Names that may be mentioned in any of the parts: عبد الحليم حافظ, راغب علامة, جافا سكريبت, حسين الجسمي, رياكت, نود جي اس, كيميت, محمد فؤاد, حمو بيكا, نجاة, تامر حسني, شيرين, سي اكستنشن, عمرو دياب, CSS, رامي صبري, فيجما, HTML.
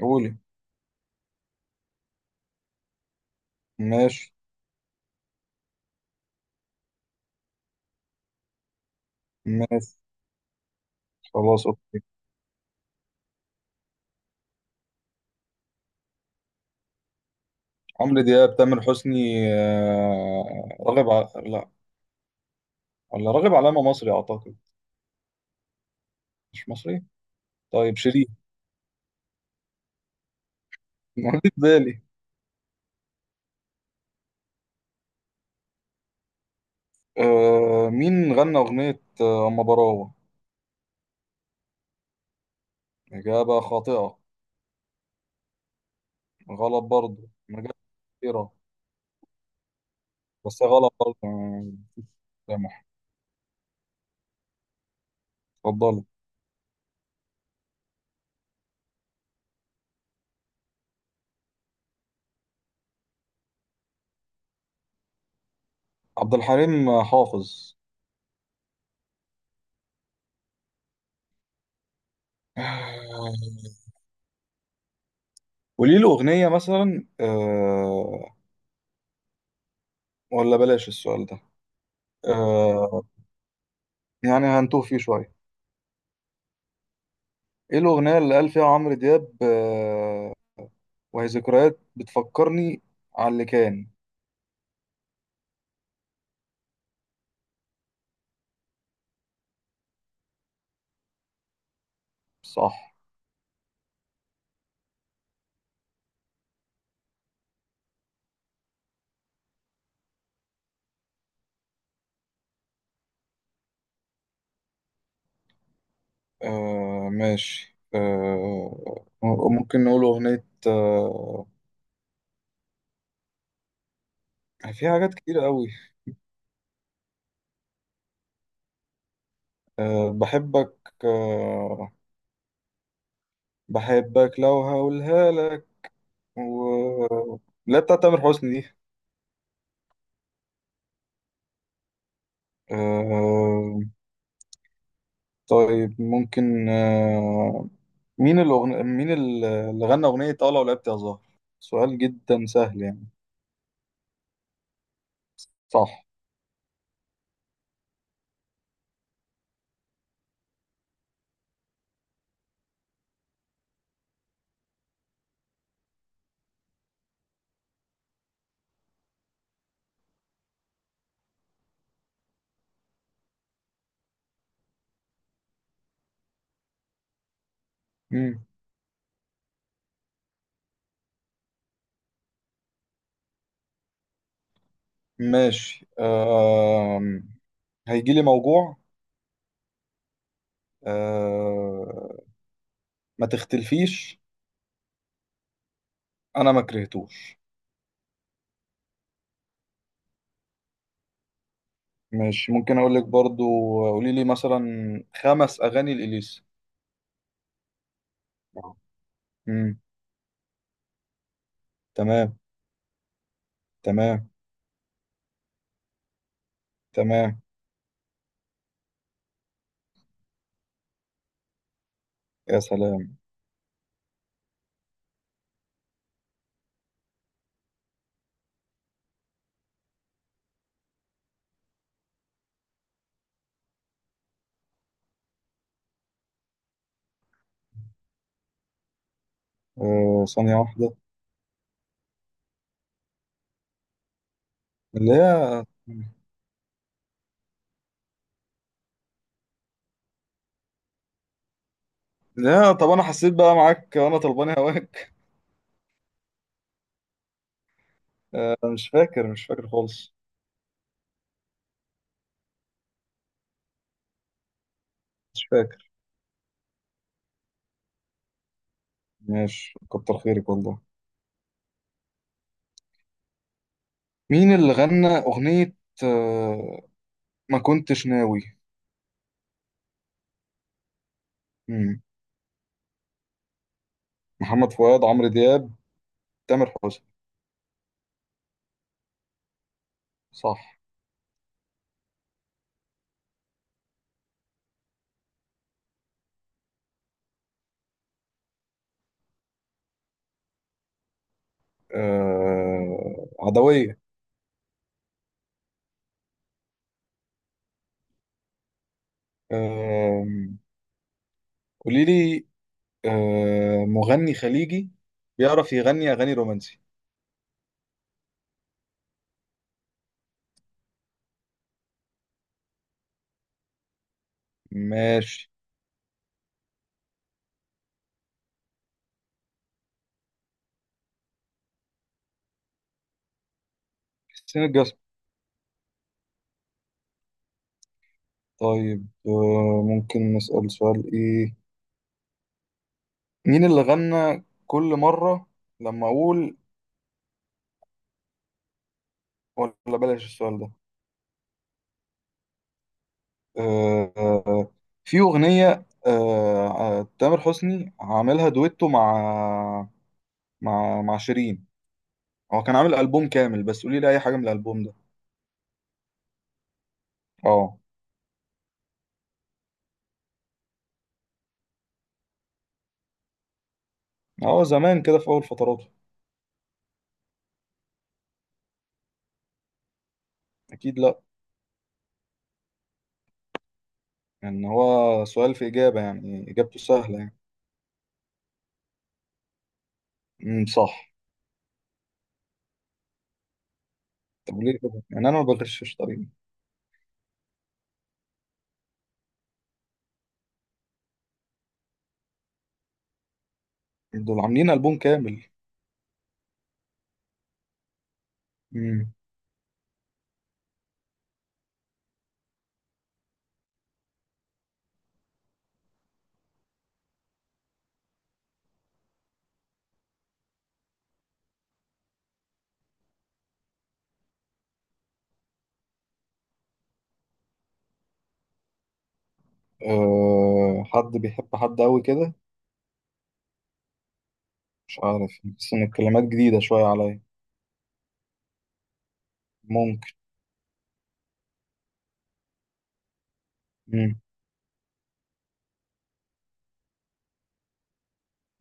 قولي. ماشي. ماشي. خلاص، اوكي. عمرو دياب، تامر حسني. لا، ولا راغب علامة مصري اعتقد. مش مصري. طيب، شيرين ما جه في بالي. مين غنى اغنية اما براوة؟ اجابة خاطئة. غلط، برضه نجاة. كتيرة. بس غلط برضه. سامح. اتفضل. عبد الحليم حافظ. آه، قولي له اغنية مثلا، ولا بلاش السؤال ده. آه، يعني هنتوه فيه شوية. ايه الأغنية اللي قال فيها عمرو دياب وهي ذكريات بتفكرني على اللي كان؟ صح. ماشي، ممكن نقول أغنية. في حاجات كتير قوي. بحبك، بحبك لو هقولها لك. و... لا، بتاعت تامر حسني دي. آه طيب، ممكن. مين اللي غنى أغنية لو لعبت يا زهر؟ سؤال جدا سهل، يعني. صح. مم. ماشي، هيجيلي موجوع. آه، ما تختلفيش. أنا ما كرهتوش. ماشي، ممكن أقول لك برضو. قولي لي مثلا 5 أغاني لإليسا. مم. تمام. تمام. تمام. يا سلام. ثانية واحدة. لا. لا، طب أنا حسيت بقى معاك وأنا طلباني هواك. مش فاكر، مش فاكر خالص. مش فاكر. ماشي، كتر خيرك والله. مين اللي غنى أغنية آه، ما كنتش ناوي؟ مم. محمد فؤاد، عمرو دياب، تامر حسني. صح. عدوية. آه، قولي لي مغني خليجي بيعرف يغني أغاني رومانسي. ماشي. حسين الجسمي. طيب، ممكن نسأل سؤال إيه. مين اللي غنى كل مرة لما أقول؟ ولا بلاش السؤال ده. آه، آه، في أغنية تامر حسني عاملها دويتو مع شيرين. هو كان عامل ألبوم كامل، بس قولي لي أي حاجة من الألبوم ده. اه. هو زمان كده، في أول فتراته. أكيد، لأ. يعني هو سؤال في إجابة، يعني إجابته سهلة، يعني. صح. طب ليه كده؟ يعني أنا ما بغشش طريقي. دول عاملين ألبوم كامل. امم. أه، حد بيحب حد أوي كده؟ مش عارف، بس إن الكلمات جديدة شوية عليا. ممكن.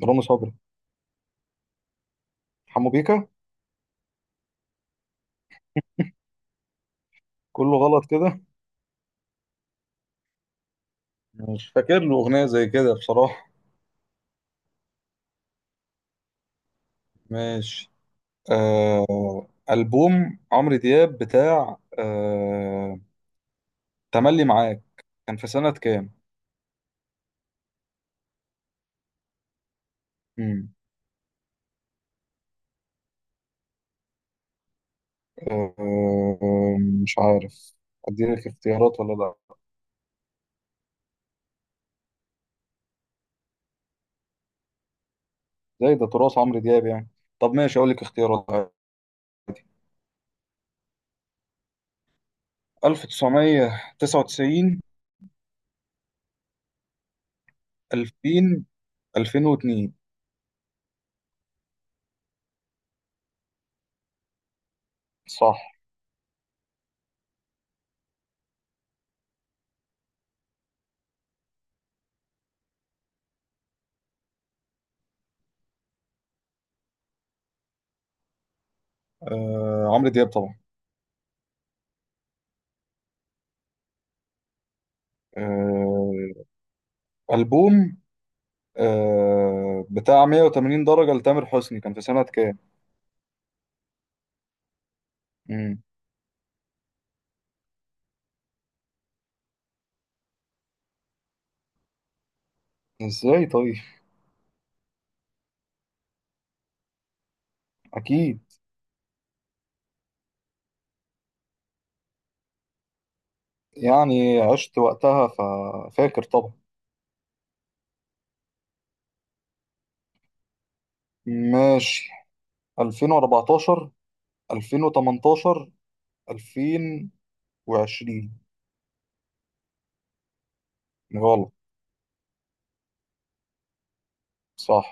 رامي صبري. حمو بيكا. كله غلط كده. مش فاكر له اغنيه زي كده، بصراحه. ماشي. آه البوم عمرو دياب بتاع تملي معاك كان في سنه كام؟ مم. آه مش عارف. اديلك اختيارات ولا لا؟ زي ده تراث عمرو دياب، يعني. طب ماشي، اقول لك اختيارات عادي. 1999، 2000، 2002. صح. عمرو دياب طبعا. آه ألبوم بتاع 180 درجة لتامر حسني كان في سنة كام؟ مم. ازاي طيب؟ أكيد. يعني عشت وقتها ففاكر طبعا. ماشي. 2014، 2018، 2020. غلط. صح.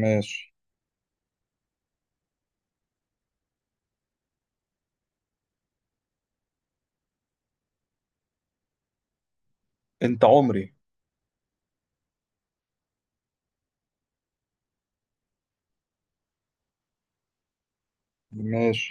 ماشي. أنت عمري. ماشي